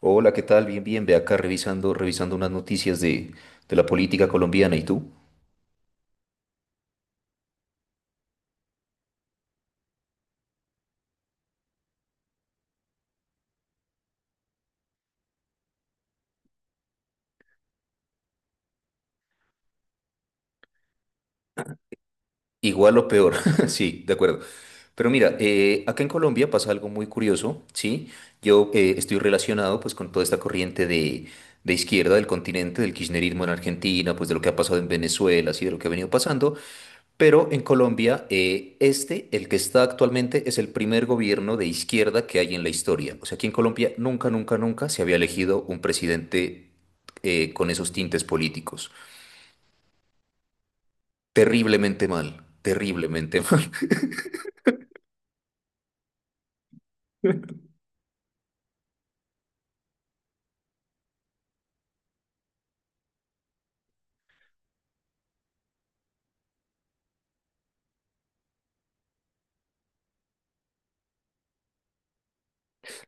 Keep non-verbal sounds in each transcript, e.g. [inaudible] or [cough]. Hola, ¿qué tal? Bien, bien. Ve acá revisando, revisando unas noticias de la política colombiana. ¿Y tú? Igual o peor. [laughs] Sí, de acuerdo. Pero mira, acá en Colombia pasa algo muy curioso, ¿sí? Yo estoy relacionado pues con toda esta corriente de izquierda del continente, del kirchnerismo en Argentina, pues de lo que ha pasado en Venezuela, ¿sí? De lo que ha venido pasando. Pero en Colombia, este, el que está actualmente, es el primer gobierno de izquierda que hay en la historia. O sea, aquí en Colombia nunca, nunca, nunca se había elegido un presidente con esos tintes políticos. Terriblemente mal, terriblemente [laughs] mal.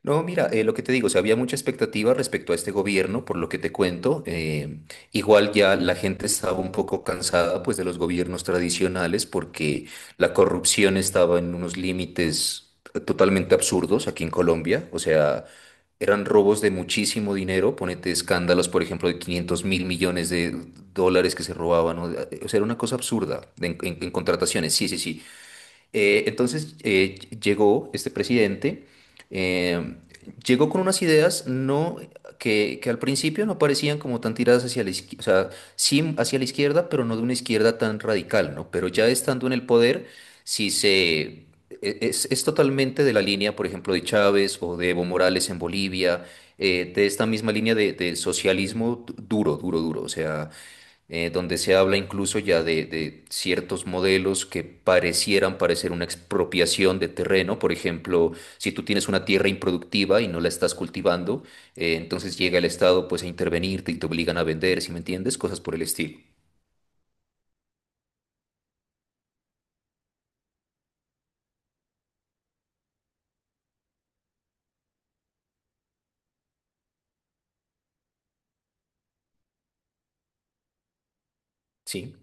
No, mira, lo que te digo, o sea, había mucha expectativa respecto a este gobierno, por lo que te cuento. Igual ya la gente estaba un poco cansada, pues, de los gobiernos tradicionales, porque la corrupción estaba en unos límites totalmente absurdos aquí en Colombia. O sea, eran robos de muchísimo dinero, ponete escándalos, por ejemplo, de 500.000 millones de dólares que se robaban. O sea, era una cosa absurda en contrataciones. Sí, sí, sí. Entonces llegó este presidente, eh, llegó con unas ideas no, que al principio no parecían como tan tiradas hacia la izquierda, o sea, sí hacia la izquierda, pero no de una izquierda tan radical, ¿no? Pero ya estando en el poder, sí se... es totalmente de la línea, por ejemplo, de Chávez o de Evo Morales en Bolivia, de esta misma línea de socialismo duro, duro, duro. O sea, donde se habla incluso ya de ciertos modelos que parecieran parecer una expropiación de terreno. Por ejemplo, si tú tienes una tierra improductiva y no la estás cultivando, entonces llega el Estado pues a intervenirte y te obligan a vender, ¿si me entiendes? Cosas por el estilo. Sí,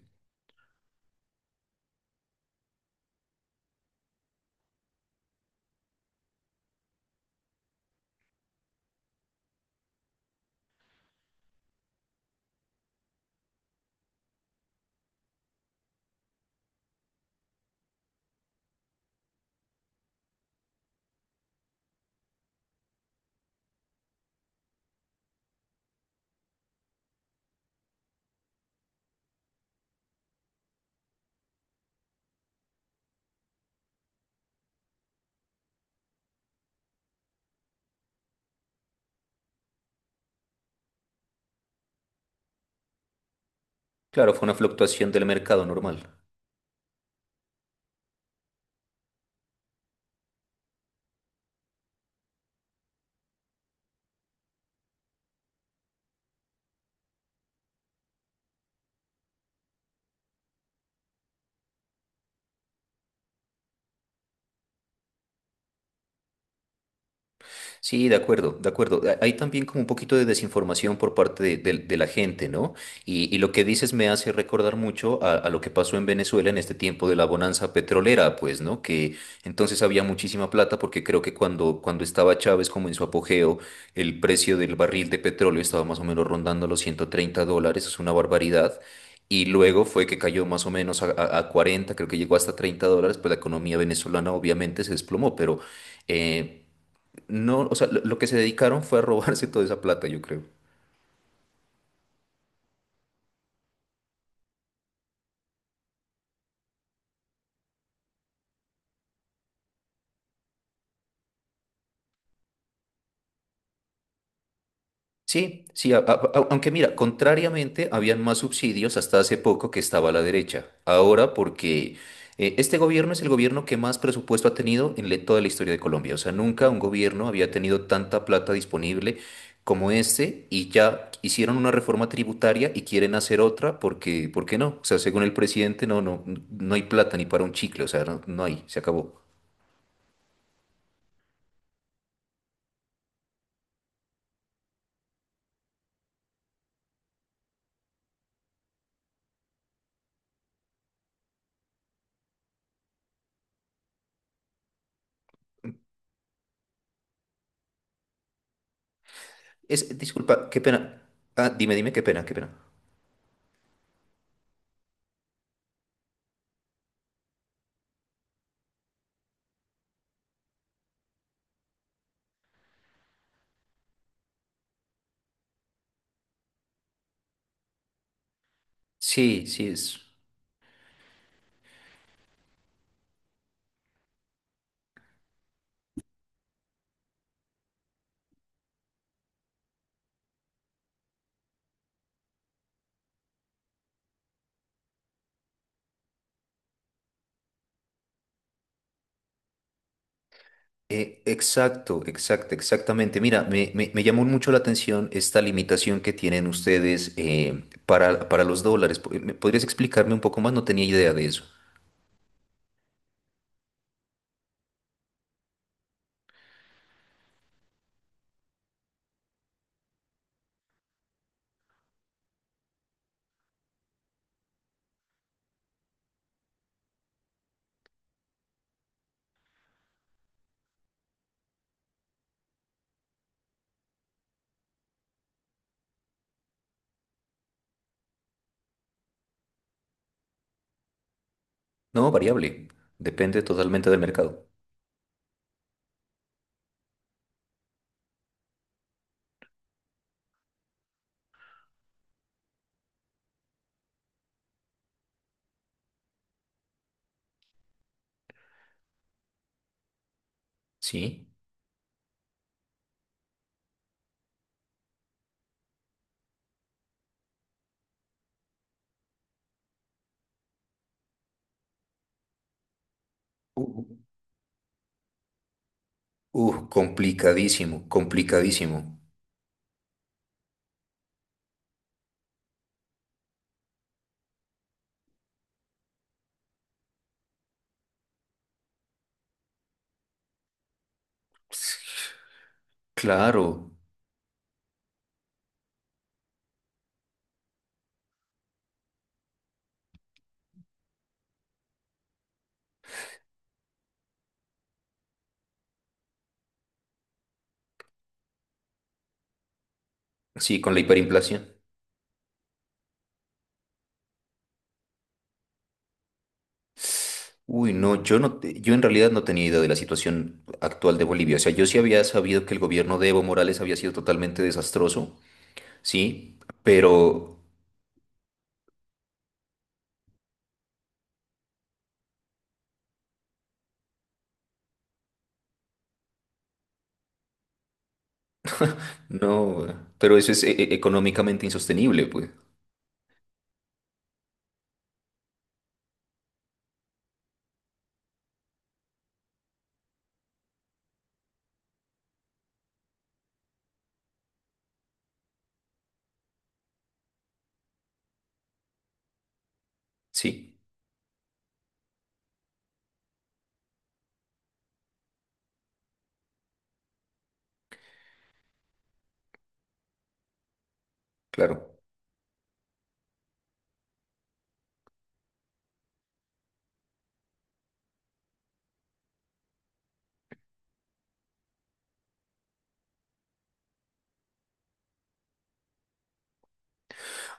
claro, fue una fluctuación del mercado normal. Sí, de acuerdo, de acuerdo. Hay también como un poquito de desinformación por parte de, de la gente, ¿no? Y lo que dices me hace recordar mucho a lo que pasó en Venezuela en este tiempo de la bonanza petrolera, pues, ¿no? Que entonces había muchísima plata porque creo que cuando, cuando estaba Chávez como en su apogeo, el precio del barril de petróleo estaba más o menos rondando los 130 dólares, es una barbaridad. Y luego fue que cayó más o menos a, a 40, creo que llegó hasta 30 dólares, pues la economía venezolana obviamente se desplomó, pero... eh, no, o sea, lo que se dedicaron fue a robarse toda esa plata, yo creo. Sí, sí, aunque mira, contrariamente, habían más subsidios hasta hace poco que estaba la derecha. Ahora, porque este gobierno es el gobierno que más presupuesto ha tenido en toda la historia de Colombia. O sea, nunca un gobierno había tenido tanta plata disponible como este y ya hicieron una reforma tributaria y quieren hacer otra porque, ¿por qué no? O sea, según el presidente, no, no, no hay plata ni para un chicle, o sea, no, no hay, se acabó. Es, disculpa, qué pena. Ah, dime, dime, qué pena, qué pena. Sí, sí, es. Exacto, exacto, exactamente. Mira, me llamó mucho la atención esta limitación que tienen ustedes para los dólares. Po- ¿me ¿Podrías explicarme un poco más? No tenía idea de eso. No, variable. Depende totalmente del mercado. Sí. Uh, complicadísimo, complicadísimo. Claro, sí, con la hiperinflación. Uy, no, yo no, yo en realidad no tenía idea de la situación actual de Bolivia. O sea, yo sí había sabido que el gobierno de Evo Morales había sido totalmente desastroso, sí, pero no, pero eso es económicamente insostenible, pues. Sí, claro.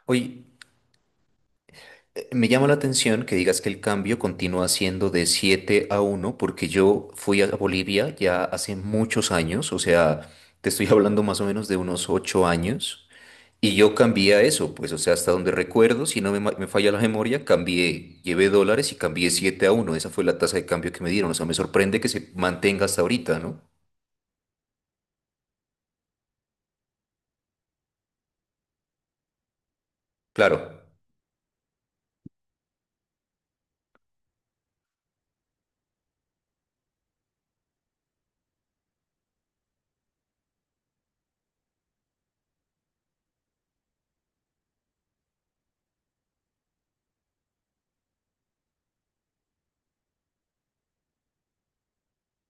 Oye, me llama la atención que digas que el cambio continúa siendo de 7 a 1 porque yo fui a Bolivia ya hace muchos años, o sea, te estoy [laughs] hablando más o menos de unos 8 años. Y yo cambié a eso, pues, o sea, hasta donde recuerdo, si no me, me falla la memoria, cambié, llevé dólares y cambié 7 a 1. Esa fue la tasa de cambio que me dieron. O sea, me sorprende que se mantenga hasta ahorita, ¿no? Claro,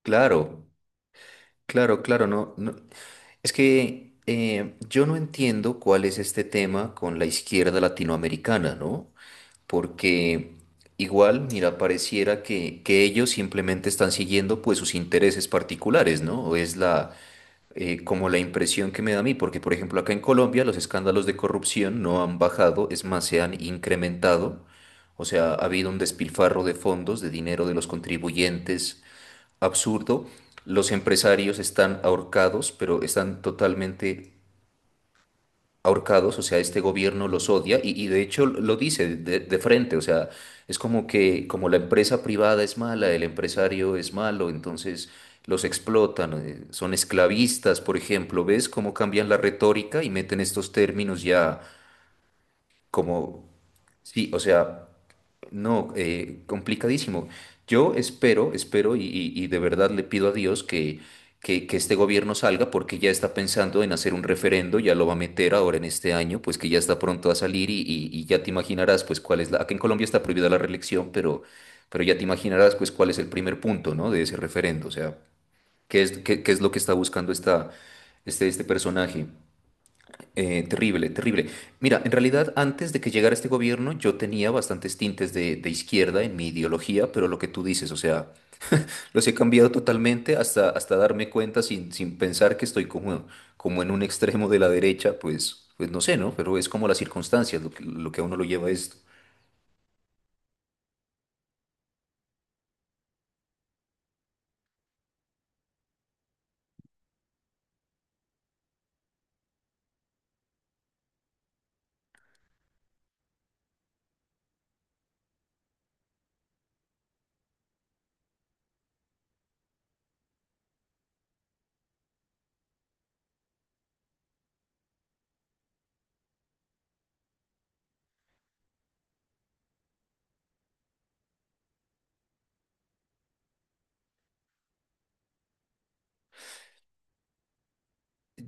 claro, claro, claro, no, no. Es que yo no entiendo cuál es este tema con la izquierda latinoamericana, ¿no? Porque igual, mira, pareciera que ellos simplemente están siguiendo, pues, sus intereses particulares, ¿no? O es la como la impresión que me da a mí, porque por ejemplo acá en Colombia los escándalos de corrupción no han bajado, es más, se han incrementado, o sea, ha habido un despilfarro de fondos, de dinero de los contribuyentes absurdo, los empresarios están ahorcados, pero están totalmente ahorcados, o sea, este gobierno los odia y de hecho lo dice de frente, o sea, es como que como la empresa privada es mala, el empresario es malo, entonces los explotan, son esclavistas, por ejemplo, ¿ves cómo cambian la retórica y meten estos términos ya como, sí, o sea... No, complicadísimo. Yo espero, espero y de verdad le pido a Dios que este gobierno salga porque ya está pensando en hacer un referendo, ya lo va a meter ahora en este año, pues que ya está pronto a salir y ya te imaginarás pues cuál es la... Aquí en Colombia está prohibida la reelección, pero ya te imaginarás pues cuál es el primer punto, ¿no? De ese referendo, o sea, qué es, qué, qué es lo que está buscando esta, este personaje. Terrible, terrible. Mira, en realidad antes de que llegara este gobierno yo tenía bastantes tintes de izquierda en mi ideología, pero lo que tú dices, o sea, los he cambiado totalmente hasta, hasta darme cuenta sin, sin pensar que estoy como, como en un extremo de la derecha, pues, pues no sé, ¿no? Pero es como las circunstancias lo que a uno lo lleva a esto.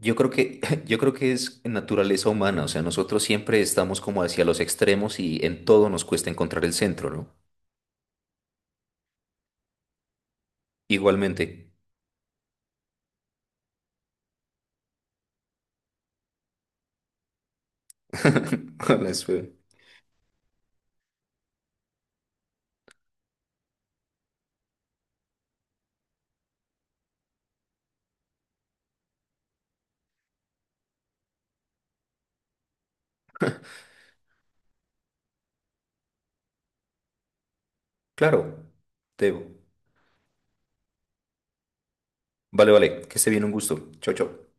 Yo creo que, [laughs] yo creo que es naturaleza humana, o sea, nosotros siempre estamos como hacia los extremos y en todo nos cuesta encontrar el centro, ¿no? Igualmente. [laughs] Hola, Sue. Claro, Teo. Vale, vale, que se viene un gusto. Chao, chao.